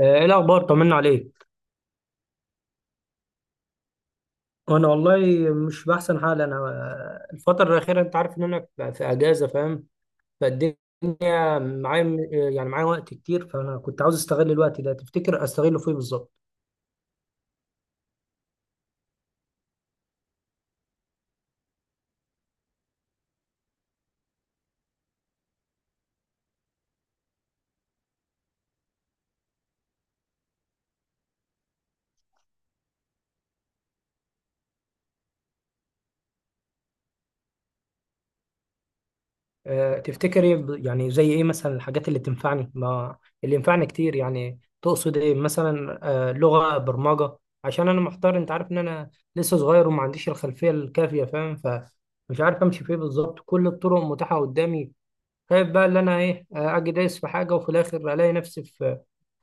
ايه الاخبار؟ طمنا عليك. انا والله مش باحسن حال. انا آه، الفتره الاخيره انت عارف ان انا في اجازه، فاهم. فالدنيا معايا يعني معايا وقت كتير، فانا كنت عاوز استغل الوقت ده. تفتكر استغله في ايه بالظبط؟ تفتكر ايه؟ يعني زي ايه مثلا؟ الحاجات اللي تنفعني، ما اللي ينفعني كتير، يعني تقصد ايه مثلا؟ لغه برمجه؟ عشان انا محتار. انت عارف ان انا لسه صغير وما عنديش الخلفيه الكافيه، فاهم. مش عارف امشي فيه بالظبط. كل الطرق متاحه قدامي. خايف بقى اللي انا ايه، اجي دايس في حاجه وفي الاخر الاقي نفسي في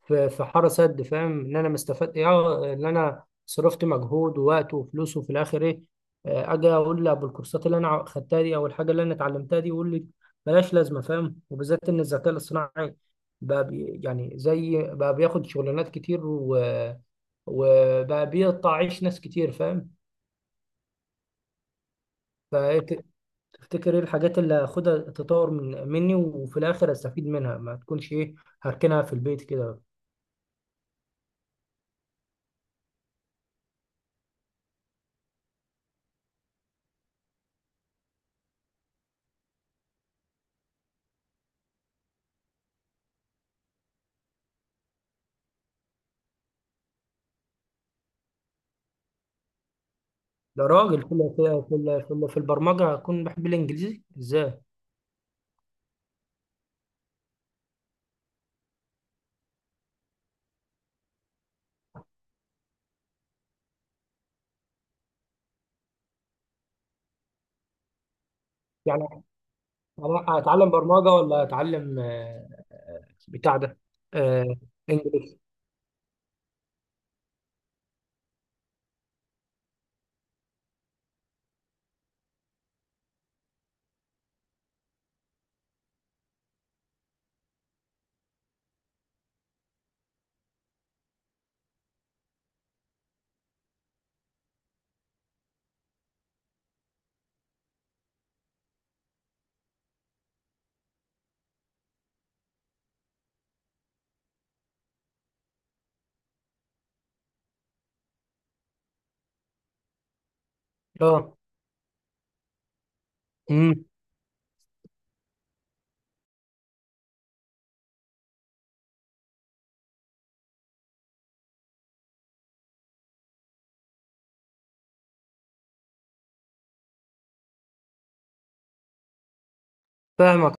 في في حاره سد. فاهم ان انا مستفاد ايه، ان انا صرفت مجهود ووقت وفلوس، وفي الاخر ايه؟ اجي اقول لابو الكورسات اللي انا خدتها دي او الحاجه اللي انا اتعلمتها دي، يقول لي بلاش، لازمه، فاهم. وبالذات ان الذكاء الاصطناعي بقى يعني زي بقى بياخد شغلانات كتير وبقى بيقطع عيش ناس كتير، فاهم. تفتكر ايه الحاجات اللي هاخدها تطور من مني، وفي الاخر استفيد منها ما تكونش ايه، هركنها في البيت كده؟ ده راجل في البرمجه هكون بحب الانجليزي ازاي؟ يعني أنا اتعلم برمجه ولا اتعلم بتاع ده؟ آه، انجليزي. اه. امم فاهمك.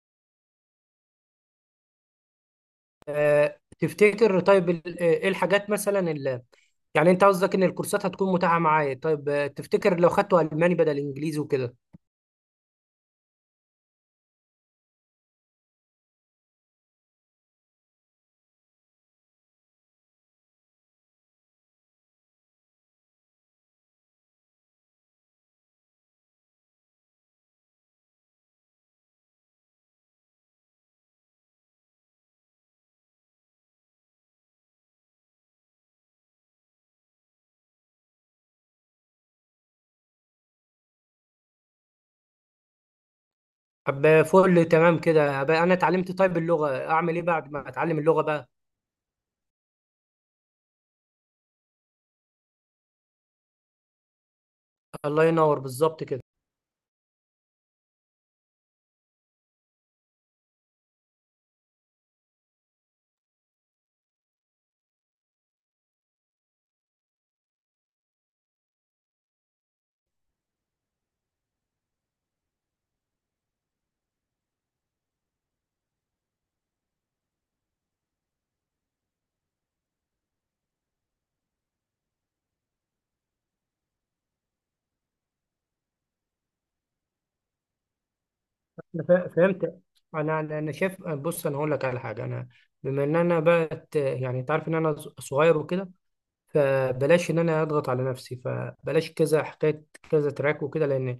تفتكر؟ طيب ايه الحاجات مثلا اللي يعني انت قصدك ان الكورسات هتكون متاحه معايا؟ طيب تفتكر لو خدته الماني بدل انجليزي وكده؟ طب فل تمام كده بقى. انا اتعلمت طيب اللغه، اعمل ايه بعد ما اتعلم اللغه بقى؟ الله ينور، بالظبط كده. أنا فهمت. انا شايف، بص، انا هقول لك على حاجه. انا بما ان انا بقت، يعني انت عارف ان انا صغير وكده، فبلاش ان انا اضغط على نفسي، فبلاش كذا حكايه، كذا تراك وكده، لان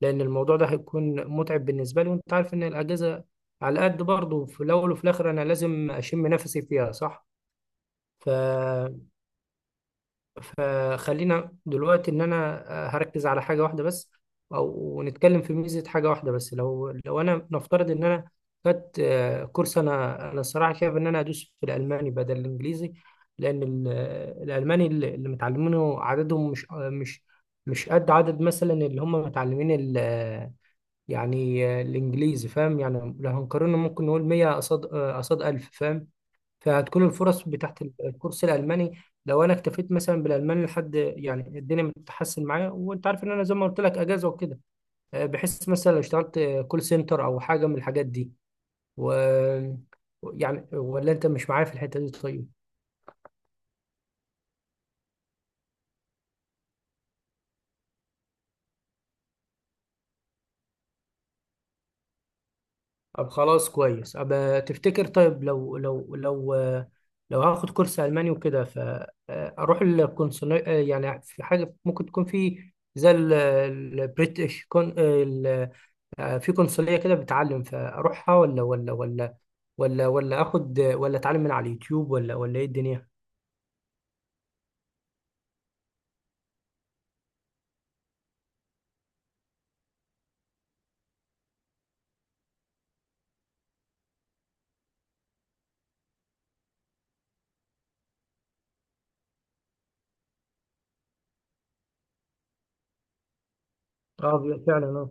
الموضوع ده هيكون متعب بالنسبه لي. وانت عارف ان الاجازه على قد برضه في الاول، وفي الاخر انا لازم اشم نفسي فيها، صح. ف فخلينا دلوقتي ان انا هركز على حاجه واحده بس، او نتكلم في ميزه حاجه واحده بس. لو انا نفترض ان انا خدت كورس، انا الصراحه شايف ان انا ادوس في الالماني بدل الانجليزي، لان الالماني اللي متعلمينه عددهم مش آه، مش مش قد عدد مثلا اللي هم متعلمين يعني الانجليزي، فاهم. يعني لو هنقارنه ممكن نقول 100 قصاد، قصاد 1000، فاهم. فهتكون الفرص بتاعت الكورس الالماني، لو انا اكتفيت مثلا بالالماني لحد يعني الدنيا بتتحسن معايا. وانت عارف ان انا زي ما قلت لك اجازه وكده. بحس مثلا لو اشتغلت كول سنتر او حاجه من الحاجات دي و يعني. ولا انت مش معايا في الحته دي؟ طيب. طب خلاص، كويس. أبقى تفتكر طيب لو هاخد كورس الماني وكده فاروح القنصليه؟ يعني في حاجه ممكن تكون في، زي البريتش، في قنصلية كده بتعلم، فأروحها؟ ولا آخد، ولا أتعلم من على اليوتيوب، ولا إيه الدنيا؟ أه فعلا، أه.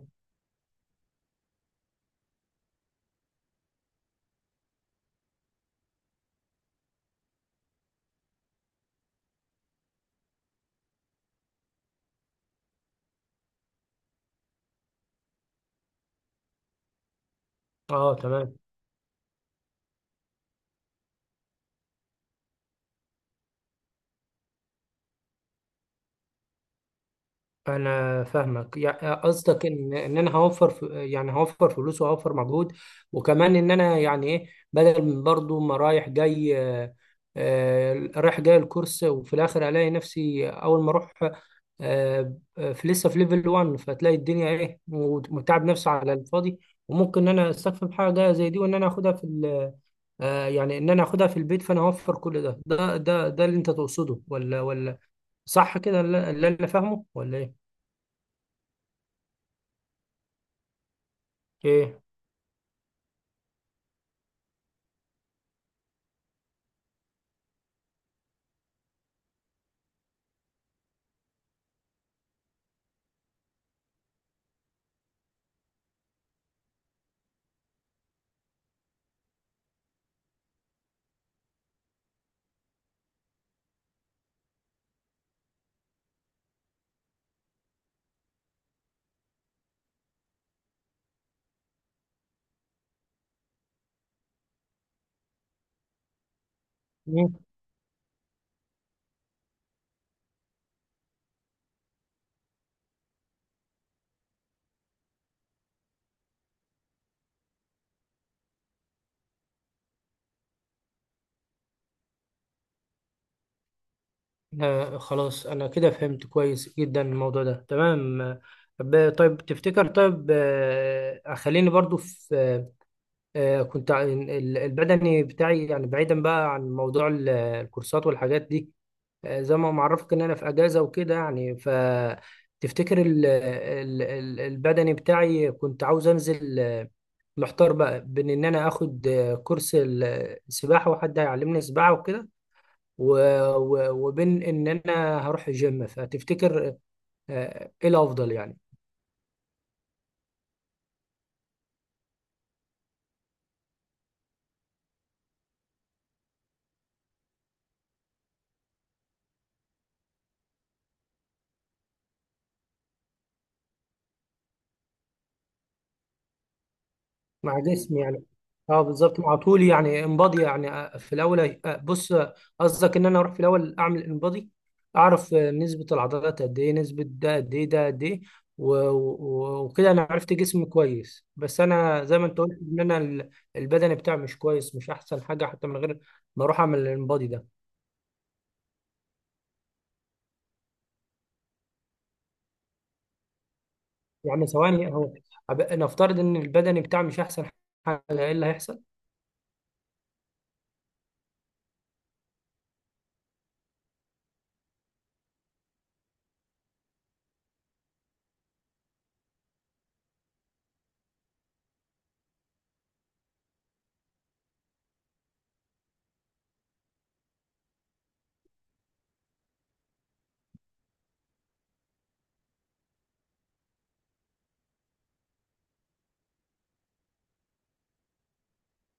أه تمام. انا فاهمك. يعني قصدك ان ان انا هوفر، يعني هوفر فلوس وهوفر مجهود. وكمان ان انا يعني ايه، بدل من برضو ما رايح جاي، رايح جاي الكورس، وفي الاخر الاقي نفسي اول ما اروح في لسه في ليفل 1، فتلاقي الدنيا ايه، متعب نفسي على الفاضي. وممكن ان انا استكفي بحاجه زي دي، وان انا اخدها في يعني ان انا اخدها في البيت. فانا هوفر كل ده اللي انت تقصده، ولا صح كده اللي انا فاهمه، ولا ايه؟ ايه. مم. آه خلاص، أنا كده فهمت كويس جدا الموضوع ده، تمام. طيب تفتكر، طيب خليني برضو في كنت البدني بتاعي، يعني بعيدا بقى عن موضوع الكورسات والحاجات دي. زي ما معرفك إن أنا في أجازة وكده، يعني فتفتكر البدني بتاعي كنت عاوز أنزل. محتار بقى بين إن أنا آخد كورس السباحة وحد هيعلمني سباحة وكده، و... و... وبين ان انا هروح الجيم. فتفتكر ايه الافضل يعني؟ مع جسمي يعني. اه بالظبط، مع طولي يعني، انبادي يعني. في الاول، بص، قصدك ان انا اروح في الاول اعمل انبادي، اعرف نسبة العضلات قد ايه، نسبة ده قد ايه، ده قد ايه. و- و- وكده انا عرفت جسمي كويس. بس انا زي ما انت قلت، ان انا البدني بتاعي مش كويس، مش احسن حاجة، حتى من غير ما اروح اعمل الانبادي ده. يعني ثواني، هو نفترض ان البدني بتاعي مش احسن حاجه، ايه اللي هيحصل؟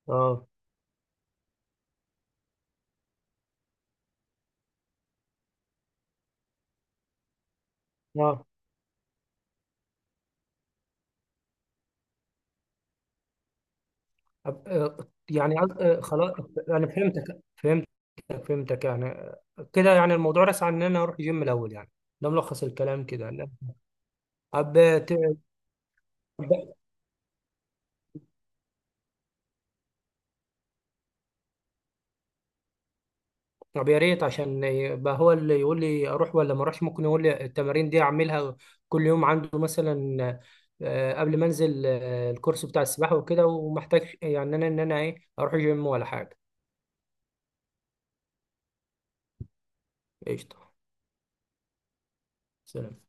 اه. اه. أب- آه، يعني خلاص، يعني فهمتك فهمتك فهمتك يعني. كده يعني الموضوع رسى عن ان انا اروح جيم الاول يعني. ده ملخص الكلام كده، لا. طب ت- أب- طب يا ريت، عشان يبقى هو اللي يقول لي اروح ولا ما اروحش، ممكن يقول لي التمارين دي اعملها كل يوم عنده مثلا، قبل ما انزل الكورس بتاع السباحه وكده، ومحتاج يعني انا ان انا ايه، اروح جيم ولا حاجه؟ قشطه. سلام.